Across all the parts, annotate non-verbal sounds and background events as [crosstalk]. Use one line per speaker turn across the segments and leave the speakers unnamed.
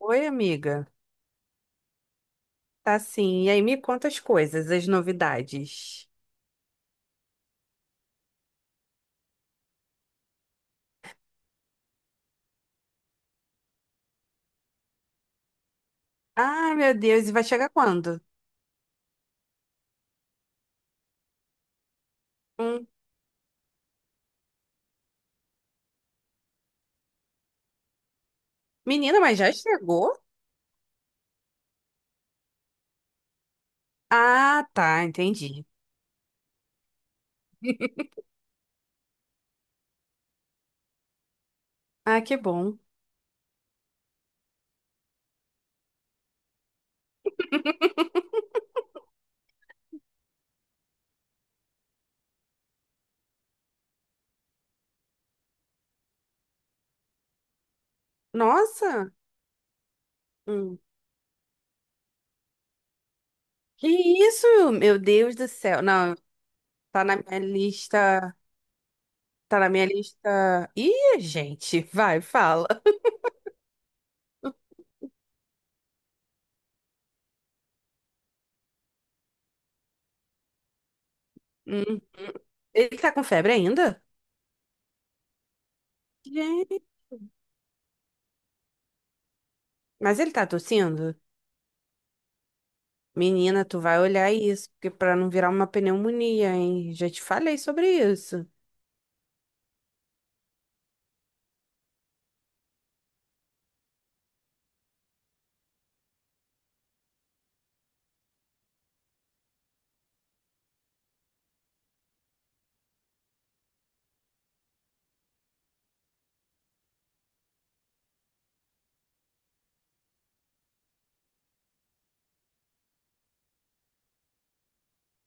Oi, amiga. Tá sim. E aí, me conta as coisas, as novidades. Ai, meu Deus, e vai chegar quando? Hum. Menina, mas já chegou? Ah, tá, entendi. Ah, que bom. [laughs] Nossa! Hum. Que isso? Meu Deus do céu. Não, tá na minha lista. Tá na minha lista. Ih, gente, vai, fala. Hum. Ele tá com febre ainda? Gente. Mas ele tá tossindo? Menina, tu vai olhar isso, porque para não virar uma pneumonia, hein? Já te falei sobre isso.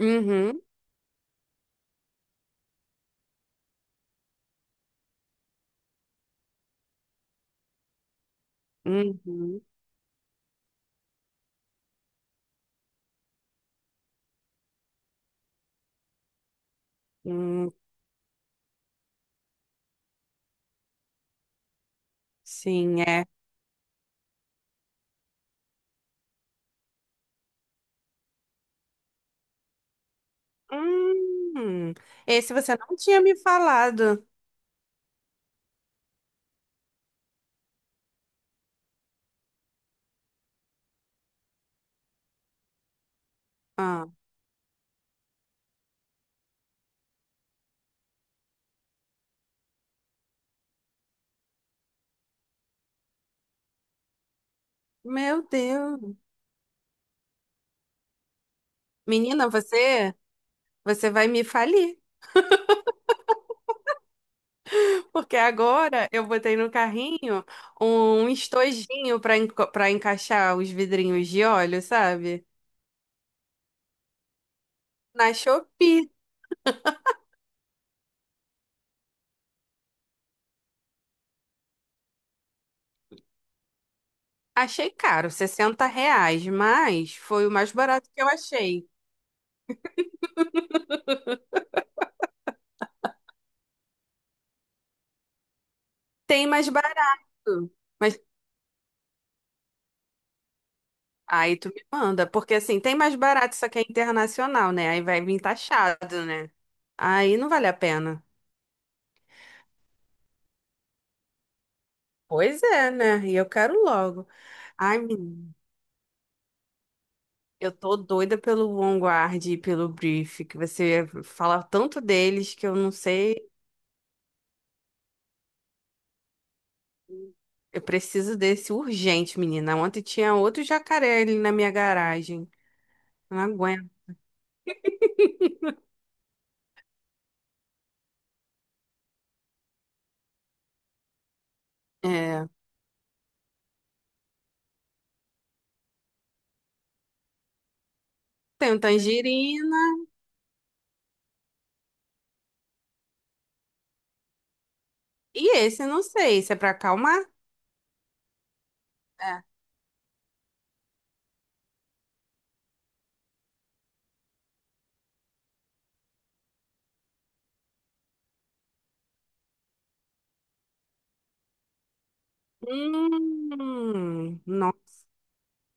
Uhum, uhum, hum, sim, é. Hum, esse você não tinha me falado. Ah, meu Deus. Menina, você, você vai me falir, [laughs] porque agora eu botei no carrinho um estojinho para encaixar os vidrinhos de óleo, sabe? Na Shopee. Achei caro, R$ 60, mas foi o mais barato que eu achei. Tem mais barato. Mas aí tu me manda, porque assim, tem mais barato, só que é internacional, né? Aí vai vir taxado, né? Aí não vale a pena. Pois é, né? E eu quero logo. Ai, menina, eu tô doida pelo Vanguard e pelo Brief, que você fala tanto deles que eu não sei. Eu preciso desse urgente, menina. Ontem tinha outro jacaré ali na minha garagem. Eu não aguento. É. Tem um tangerina. E esse, não sei, se é pra acalmar? É. Não.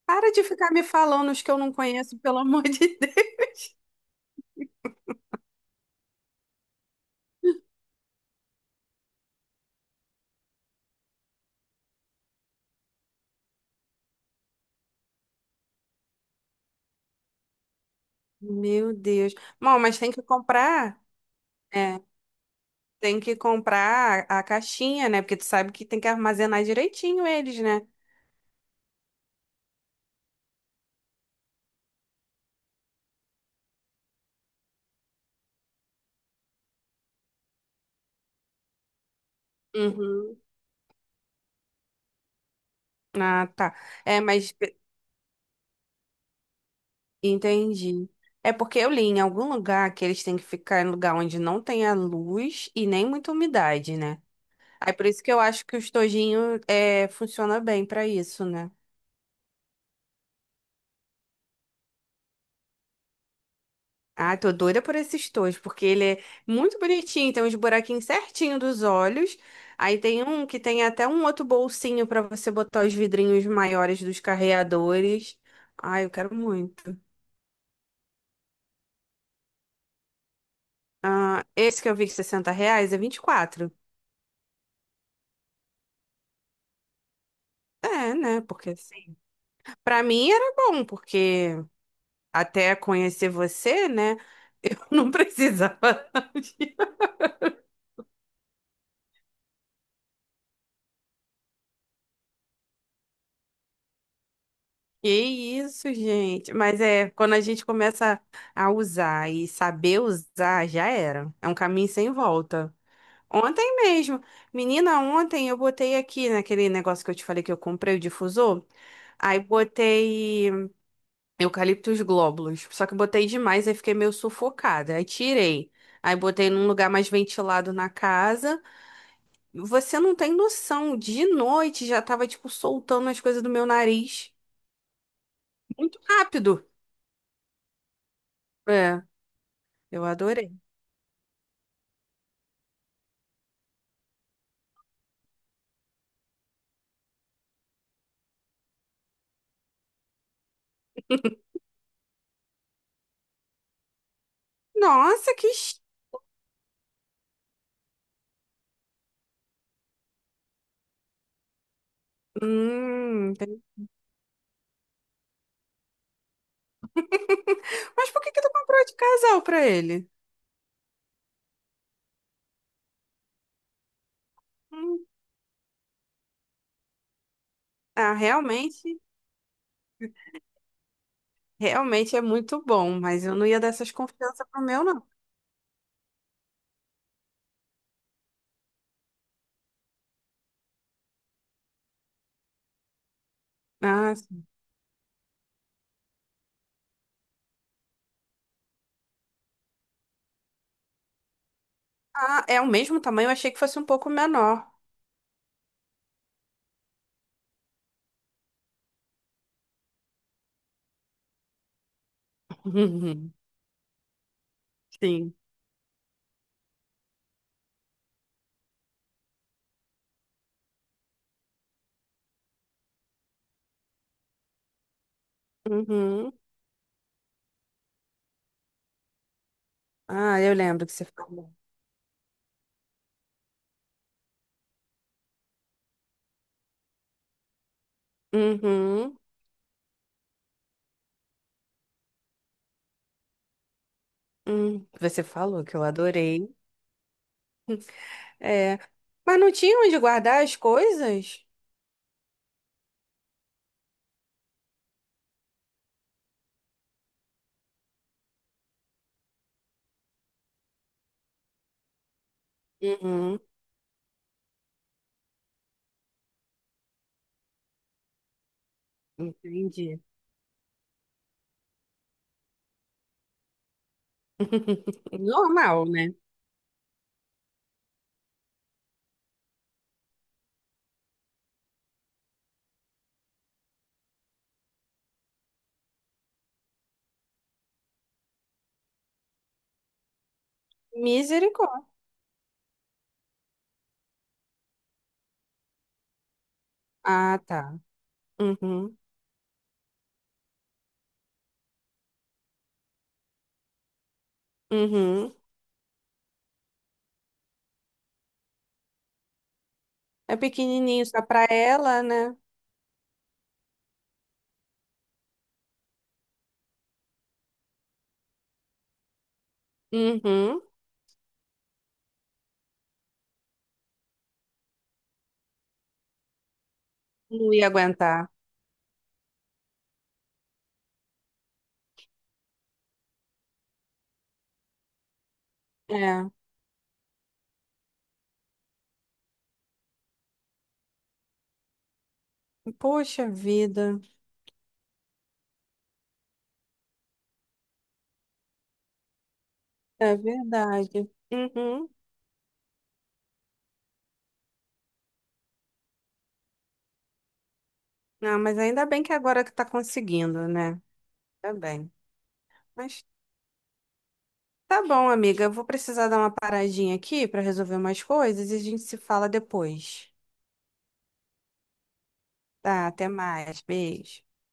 Para de ficar me falando os que eu não conheço, pelo [laughs] amor de Deus. Meu Deus. Bom, mas tem que comprar. É, tem que comprar a caixinha, né? Porque tu sabe que tem que armazenar direitinho eles, né? Uhum. Ah, tá. É, mas entendi. É porque eu li em algum lugar que eles têm que ficar em lugar onde não tenha luz e nem muita umidade, né? Aí por isso que eu acho que o estojinho é, funciona bem pra isso, né? Ah, tô doida por esse estojo, porque ele é muito bonitinho, tem uns buraquinhos certinho dos olhos. Aí tem um que tem até um outro bolsinho pra você botar os vidrinhos maiores dos carreadores. Ai, eu quero muito. Ah, esse que eu vi de R$ 60 é 24. É, né? Porque assim, pra mim era bom, porque até conhecer você, né? [laughs] Eu não precisava. [laughs] Que isso, gente. Mas é, quando a gente começa a usar e saber usar, já era. É um caminho sem volta. Ontem mesmo, menina, ontem eu botei aqui naquele negócio que eu te falei que eu comprei o difusor, aí botei eucaliptos glóbulos. Só que eu botei demais, aí fiquei meio sufocada. Aí tirei. Aí botei num lugar mais ventilado na casa. Você não tem noção, de noite já tava tipo soltando as coisas do meu nariz. Muito rápido. É. Eu adorei. Nossa, que. Entendi. [laughs] Mas por que que tu comprou de casal pra ele? Hum, ah, realmente, realmente é muito bom, mas eu não ia dar essas confianças pro meu, não. Ah, sim. Ah, é o mesmo tamanho, eu achei que fosse um pouco menor. [laughs] Sim. Uhum. Ah, eu lembro que você falou. Uhum. Você falou que eu adorei. É. Mas não tinha onde guardar as coisas? Uhum. Entendi. [laughs] Normal, né? Misericórdia. Ah, tá. Uhum, uhum. É pequenininho só pra ela, né? Uhum. Não ia aguentar. É. Poxa vida. É verdade. Uhum. Não, mas ainda bem que agora que tá conseguindo, né? Tá bem. Mas tá bom, amiga. Eu vou precisar dar uma paradinha aqui pra resolver umas coisas e a gente se fala depois. Tá, até mais. Beijo.